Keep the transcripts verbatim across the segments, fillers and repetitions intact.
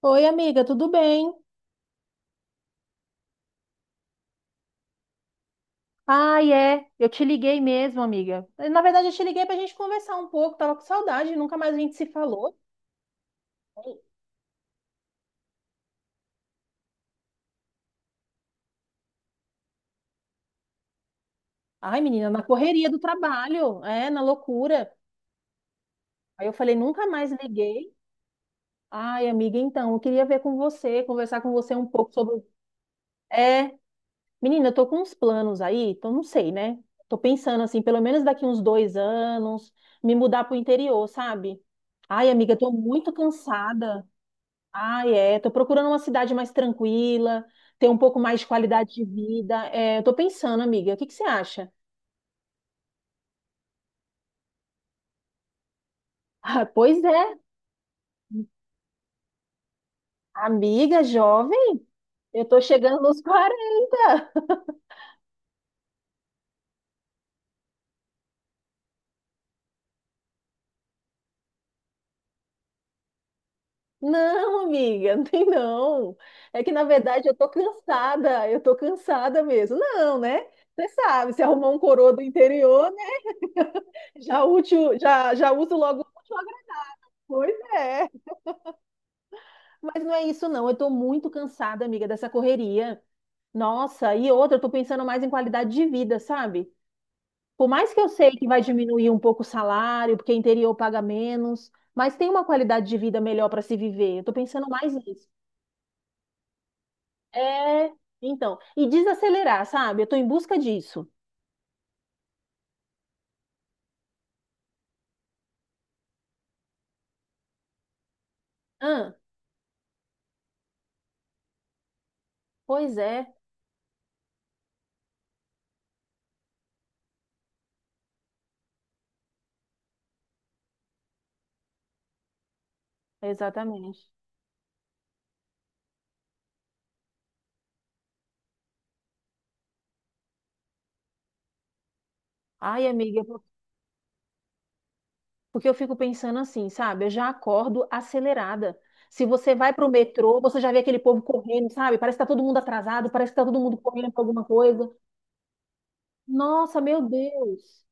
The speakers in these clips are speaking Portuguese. Oi, amiga, tudo bem? Ai, é, eu te liguei mesmo, amiga. Eh, Na verdade, eu te liguei pra gente conversar um pouco, tava com saudade, nunca mais a gente se falou. Ai, menina, na correria do trabalho, é, na loucura. Aí eu falei, nunca mais liguei. Ai, amiga, então, eu queria ver com você, conversar com você um pouco sobre. É, menina, eu tô com uns planos aí, então não sei, né? Tô pensando assim, pelo menos daqui uns dois anos, me mudar pro interior, sabe? Ai, amiga, eu tô muito cansada. Ah, é. Tô procurando uma cidade mais tranquila, ter um pouco mais de qualidade de vida. É, eu tô pensando, amiga, o que que você acha? Ah, pois é, amiga jovem, eu tô chegando nos quarenta. Não, amiga, não tem não. É que na verdade eu tô cansada, eu tô cansada mesmo. Não, né? Você sabe, se arrumar um coroa do interior, né? Já útil, já, já uso logo o útil. Pois é, mas não é isso não. Eu tô muito cansada, amiga, dessa correria. Nossa, e outra, eu tô pensando mais em qualidade de vida, sabe? Por mais que eu sei que vai diminuir um pouco o salário, porque interior paga menos, mas tem uma qualidade de vida melhor para se viver. Eu tô pensando mais nisso. É, então, e desacelerar, sabe? Eu tô em busca disso. Ah, pois é, exatamente. Ai, amiga, por- porque eu fico pensando assim, sabe? Eu já acordo acelerada. Se você vai pro metrô, você já vê aquele povo correndo, sabe? Parece que tá todo mundo atrasado, parece que tá todo mundo correndo pra alguma coisa. Nossa, meu Deus.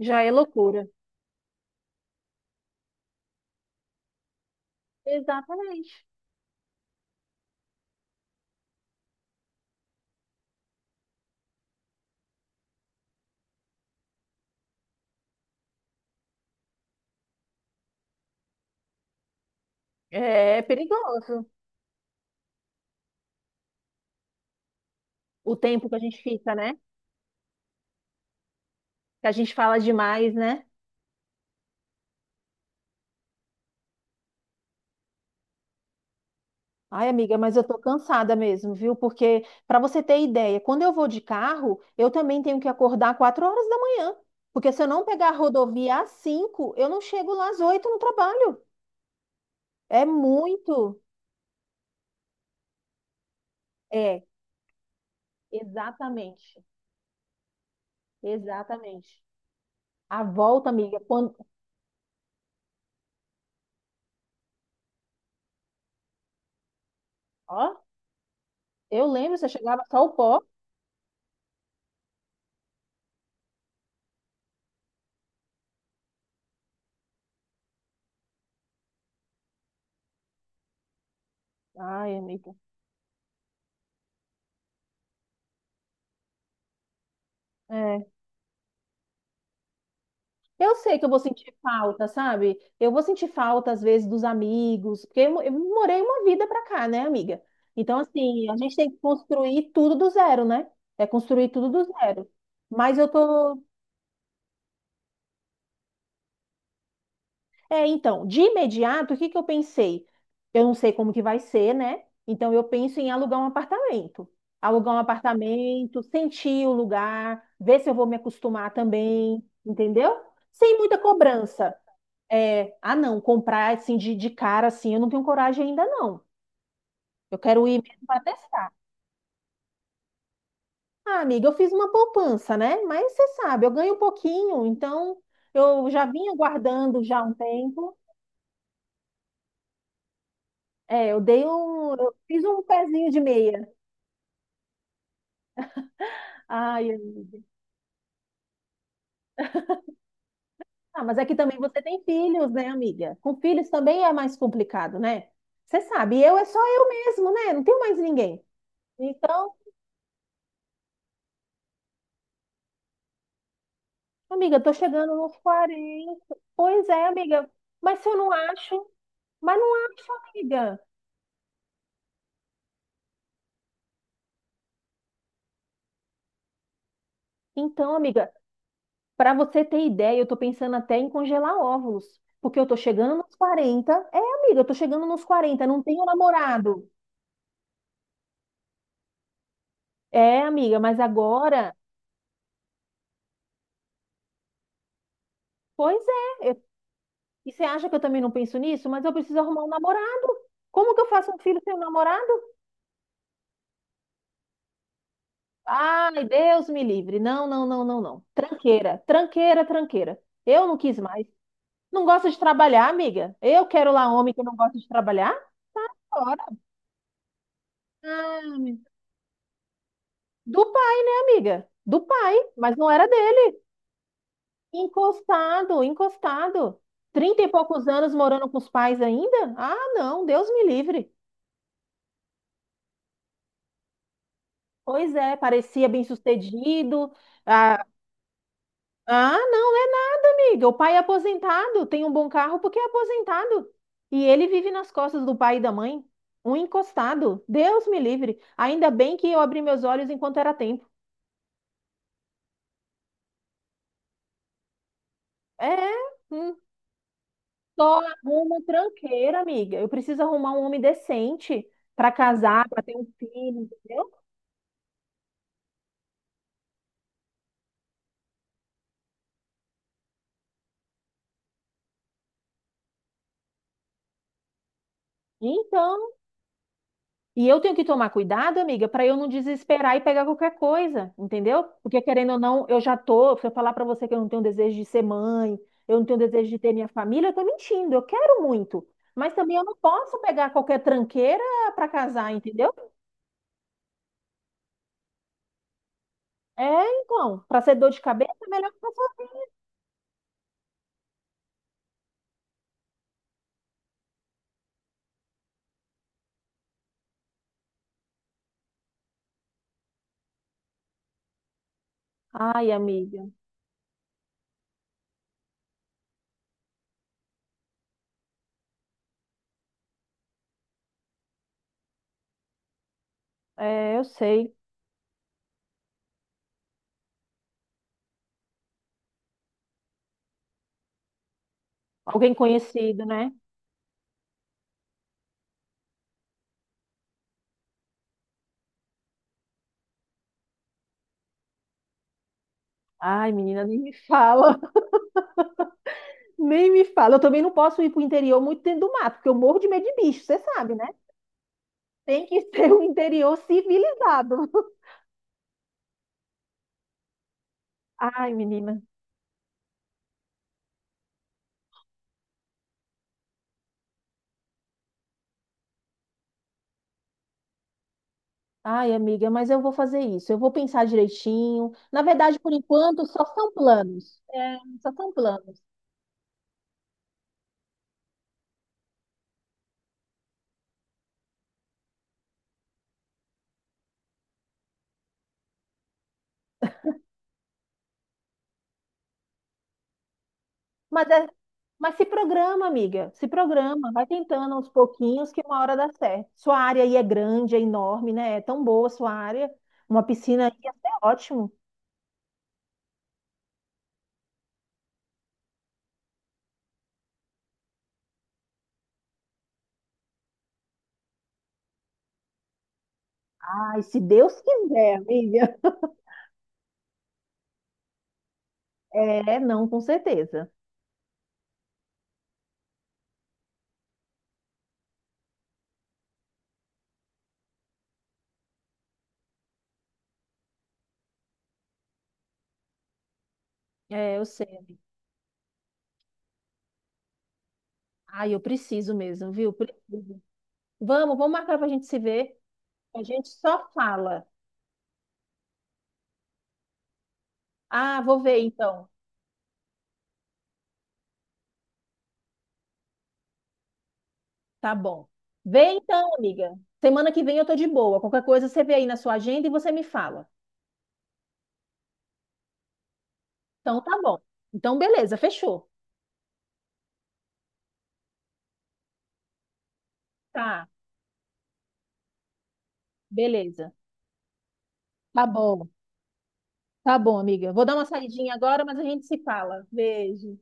Já é loucura. Exatamente. É perigoso o tempo que a gente fica, né? Que a gente fala demais, né? Ai, amiga, mas eu tô cansada mesmo, viu? Porque, pra você ter ideia, quando eu vou de carro, eu também tenho que acordar quatro horas da manhã. Porque se eu não pegar a rodovia às cinco, eu não chego lá às oito no trabalho. É muito. É, exatamente. Exatamente. A volta, amiga, quando. Ó, eu lembro, você chegava só o pó. Ai, amiga. É. Eu sei que eu vou sentir falta, sabe? Eu vou sentir falta, às vezes, dos amigos, porque eu, eu morei uma vida pra cá, né, amiga? Então, assim, a gente tem que construir tudo do zero, né? É construir tudo do zero. Mas eu tô. É, então, de imediato, o que que eu pensei? Eu não sei como que vai ser, né? Então, eu penso em alugar um apartamento. Alugar um apartamento, sentir o lugar, ver se eu vou me acostumar também, entendeu? Sem muita cobrança. É, ah, não, comprar assim de, de cara assim, eu não tenho coragem ainda não. Eu quero ir mesmo para testar. Ah, amiga, eu fiz uma poupança, né? Mas você sabe, eu ganho um pouquinho, então eu já vinha guardando já há um tempo. É, eu dei um, eu fiz um pezinho de meia. Ai, amiga. Ah, mas aqui também você tem filhos, né, amiga? Com filhos também é mais complicado, né? Você sabe, eu é só eu mesmo, né? Não tenho mais ninguém. Então amiga, tô chegando nos quarenta. Pois é, amiga. Mas se eu não acho, mas não acho, amiga. Então, amiga, para você ter ideia, eu tô pensando até em congelar óvulos, porque eu tô chegando nos quarenta. É, amiga, eu tô chegando nos quarenta. Não tenho namorado. É, amiga, mas agora, pois é. eu- E você acha que eu também não penso nisso? Mas eu preciso arrumar um namorado. Como que eu faço um filho sem um namorado? Ai, Deus me livre. Não, não, não, não, não. Tranqueira, tranqueira, tranqueira. Eu não quis mais. Não gosta de trabalhar, amiga? Eu quero lá homem que não gosta de trabalhar? Ora. Ah, do pai, né, amiga? Do pai, mas não era dele. Encostado, encostado. Trinta e poucos anos morando com os pais ainda? Ah, não, Deus me livre. Pois é, parecia bem-sucedido. Ah, ah, não, é, não, amiga. O pai é aposentado, tem um bom carro porque é aposentado. E ele vive nas costas do pai e da mãe. Um encostado. Deus me livre. Ainda bem que eu abri meus olhos enquanto era tempo. É, hum, só arruma tranqueira, amiga. Eu preciso arrumar um homem decente para casar, para ter um filho, entendeu? Então, e eu tenho que tomar cuidado, amiga, para eu não desesperar e pegar qualquer coisa, entendeu? Porque querendo ou não, eu já tô, se eu falar para você que eu não tenho desejo de ser mãe, eu não tenho desejo de ter minha família, eu tô mentindo. Eu quero muito, mas também eu não posso pegar qualquer tranqueira para casar, entendeu? É, então, para ser dor de cabeça, é melhor que pra. Ai, amiga, é, eu sei. Alguém conhecido, né? Ai, menina, nem me fala, nem me fala. Eu também não posso ir para o interior muito dentro do mato, porque eu morro de medo de bicho, você sabe, né? Tem que ser um interior civilizado. Ai, menina. Ai, amiga, mas eu vou fazer isso. Eu vou pensar direitinho. Na verdade, por enquanto, só são planos. É, só são planos. Mas, é- mas se programa, amiga. Se programa. Vai tentando aos pouquinhos que uma hora dá certo. Sua área aí é grande, é enorme, né? É tão boa a sua área. Uma piscina aí é até ótimo. Ai, se Deus quiser, amiga. É, não, com certeza. É, eu sei. Ai, eu preciso mesmo, viu? Preciso. Vamos, vamos marcar pra gente se ver. A gente só fala. Ah, vou ver então. Tá bom. Vê então, amiga. Semana que vem eu tô de boa. Qualquer coisa você vê aí na sua agenda e você me fala. Então tá bom. Então beleza, fechou. Tá, beleza. Tá bom. Tá bom, amiga. Vou dar uma saidinha agora, mas a gente se fala. Beijo.